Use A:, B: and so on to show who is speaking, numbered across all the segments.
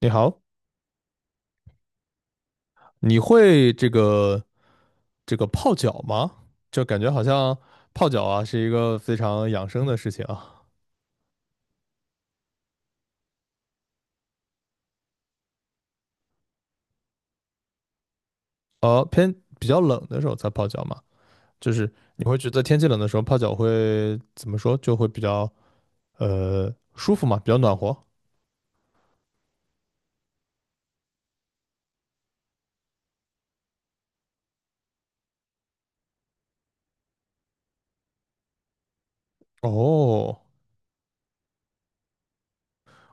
A: 你好，你会这个泡脚吗？就感觉好像泡脚啊是一个非常养生的事情啊。呃，偏比较冷的时候才泡脚嘛，就是你会觉得天气冷的时候泡脚会怎么说，就会比较舒服嘛，比较暖和。哦，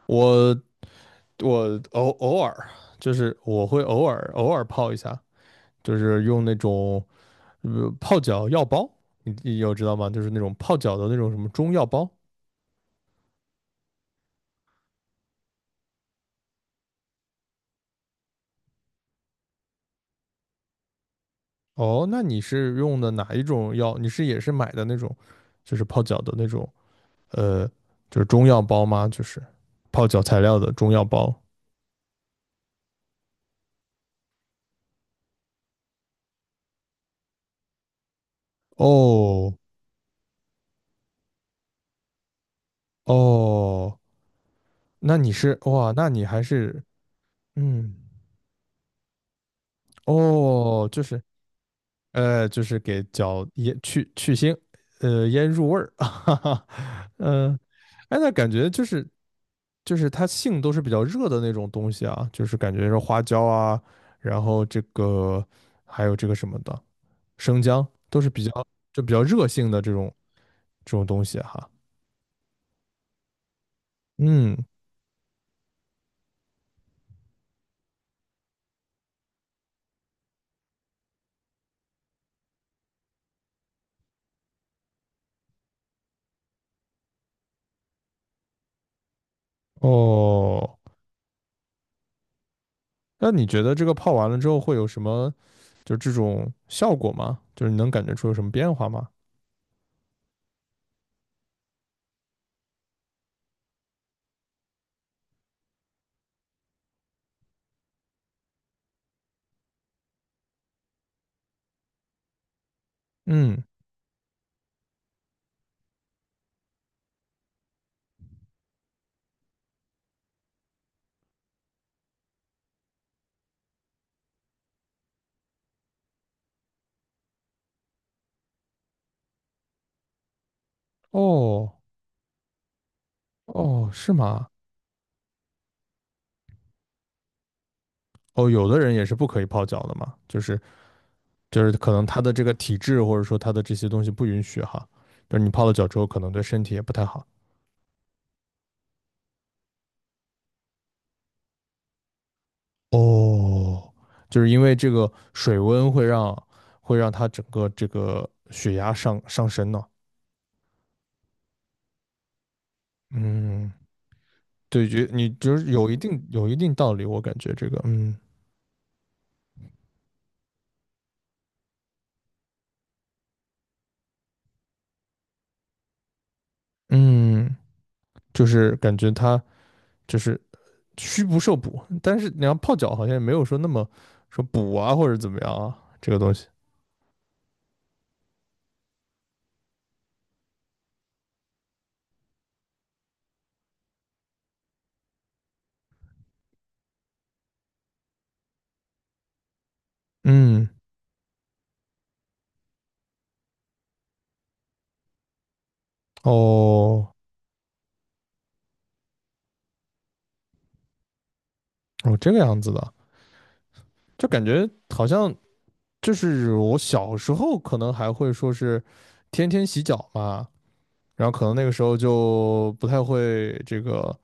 A: 我我偶偶尔就是我会偶尔泡一下，就是用那种泡脚药包，你有知道吗？就是那种泡脚的那种什么中药包。哦，那你是用的哪一种药？你是也是买的那种，就是泡脚的那种，呃，就是中药包吗？就是泡脚材料的中药包。哦哦，那你是哇，那你还是嗯，哦，就是，就是给脚腌去腥，呃，腌入味儿，哈哈，嗯，哎，那感觉就是它性都是比较热的那种东西啊，就是感觉是花椒啊，然后这个还有这个什么的生姜都是比较就比较热性的这种东西哈。嗯，哦，那你觉得这个泡完了之后会有什么就这种效果吗？就是你能感觉出有什么变化吗？嗯，哦。哦，是吗？哦，有的人也是不可以泡脚的嘛，就是就是可能他的这个体质或者说他的这些东西不允许哈，就是你泡了脚之后可能对身体也不太好。哦，就是因为这个水温会让他整个这个血压上升呢。嗯，对，觉你就是有一定道理，我感觉这个，嗯嗯，就是感觉他就是虚不受补，但是你要泡脚好像也没有说那么说补啊或者怎么样啊这个东西。嗯，哦哦，这个样子的，就感觉好像就是我小时候可能还会说是天天洗脚嘛，然后可能那个时候就不太会这个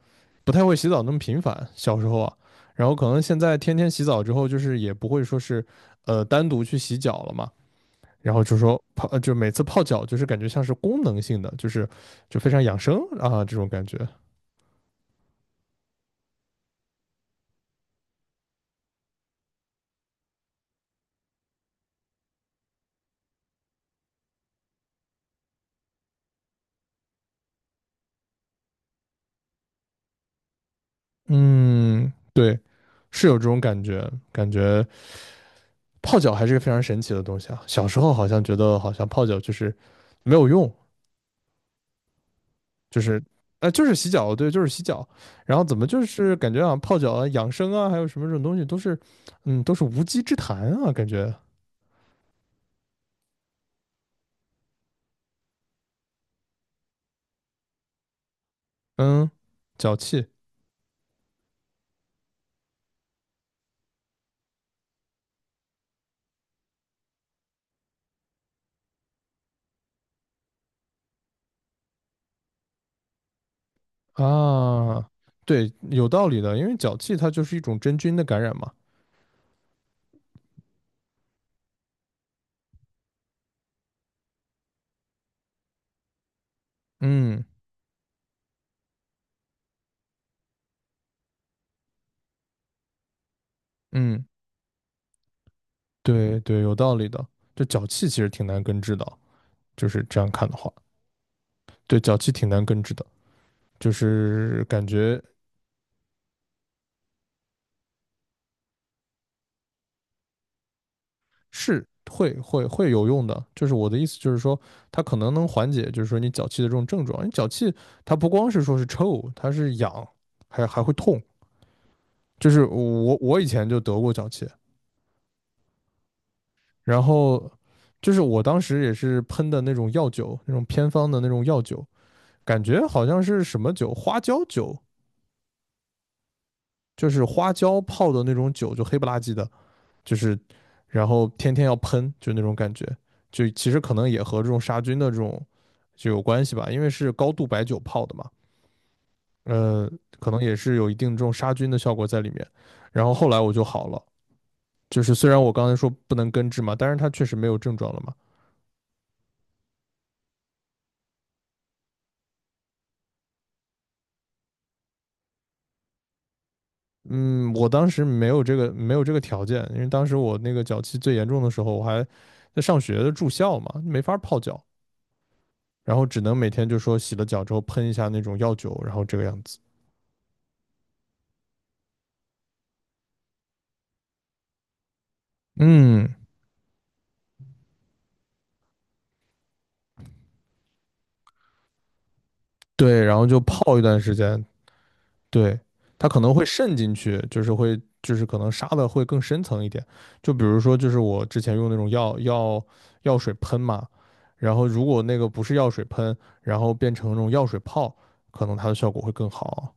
A: 不太会洗澡那么频繁，小时候啊，然后可能现在天天洗澡之后，就是也不会说是单独去洗脚了嘛。然后就说泡，就每次泡脚就是感觉像是功能性的，就是就非常养生啊这种感觉。嗯，对，是有这种感觉，感觉泡脚还是个非常神奇的东西啊。小时候好像觉得好像泡脚就是没有用，就是就是洗脚，对，就是洗脚。然后怎么就是感觉啊泡脚啊养生啊还有什么这种东西都是嗯都是无稽之谈啊，感觉嗯脚气啊。对，有道理的，因为脚气它就是一种真菌的感染嘛。嗯嗯，对对，有道理的。就脚气其实挺难根治的，就是这样看的话，对，脚气挺难根治的，就是感觉是会有用的。就是我的意思就是说，它可能能缓解，就是说你脚气的这种症状。因为脚气它不光是说是臭，它是痒，还会痛。就是我以前就得过脚气，然后就是我当时也是喷的那种药酒，那种偏方的那种药酒，感觉好像是什么酒，花椒酒就是花椒泡的那种酒，就黑不拉几的，就是然后天天要喷，就那种感觉，就其实可能也和这种杀菌的这种就有关系吧，因为是高度白酒泡的嘛，呃，可能也是有一定这种杀菌的效果在里面。然后后来我就好了，就是虽然我刚才说不能根治嘛，但是它确实没有症状了嘛。嗯，我当时没有这个条件，因为当时我那个脚气最严重的时候，我还在上学的住校嘛，没法泡脚。然后只能每天就说洗了脚之后喷一下那种药酒，然后这个样子。嗯，对，然后就泡一段时间，对，它可能会渗进去，就是会就是可能杀的会更深层一点。就比如说，就是我之前用那种药水喷嘛，然后如果那个不是药水喷，然后变成那种药水泡，可能它的效果会更好。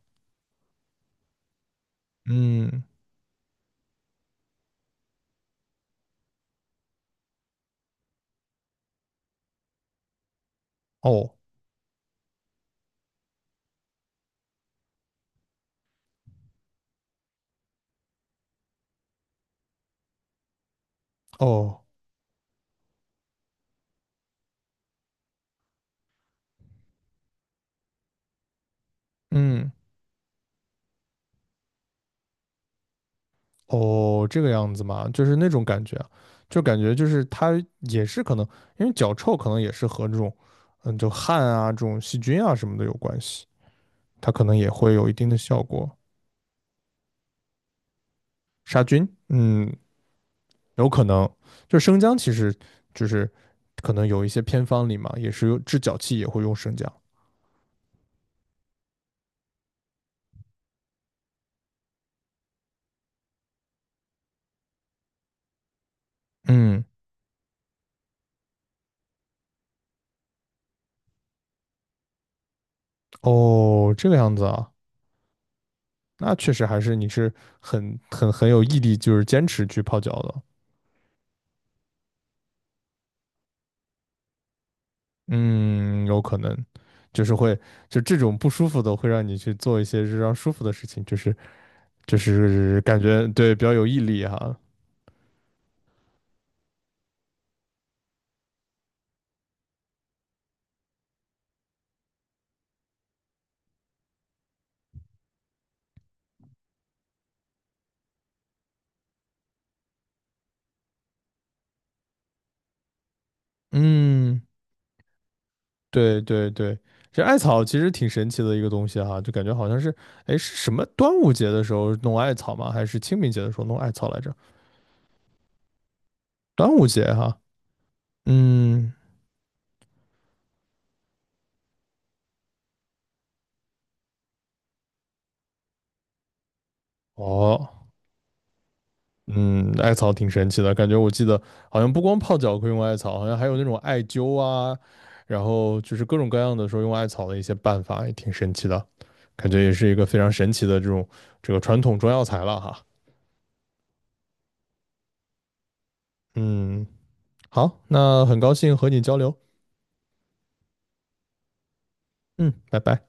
A: 嗯，哦哦，嗯。哦，这个样子嘛，就是那种感觉啊就感觉就是它也是可能，因为脚臭可能也是和这种，嗯，就汗啊这种细菌啊什么的有关系，它可能也会有一定的效果，杀菌，嗯，有可能。就生姜其实就是可能有一些偏方里嘛，也是有治脚气也会用生姜。嗯，哦，这个样子啊，那确实还是你是很有毅力，就是坚持去泡脚的。嗯，有可能，就是会，就这种不舒服的会让你去做一些日常舒服的事情，就是就是感觉对比较有毅力哈。嗯，对对对，这艾草其实挺神奇的一个东西哈，就感觉好像是，哎，是什么端午节的时候弄艾草吗？还是清明节的时候弄艾草来着？端午节哈。嗯，哦，嗯，艾草挺神奇的，感觉我记得好像不光泡脚可以用艾草，好像还有那种艾灸啊，然后就是各种各样的说用艾草的一些办法，也挺神奇的，感觉也是一个非常神奇的这种这个传统中药材了哈。嗯，好，那很高兴和你交流，嗯，拜拜。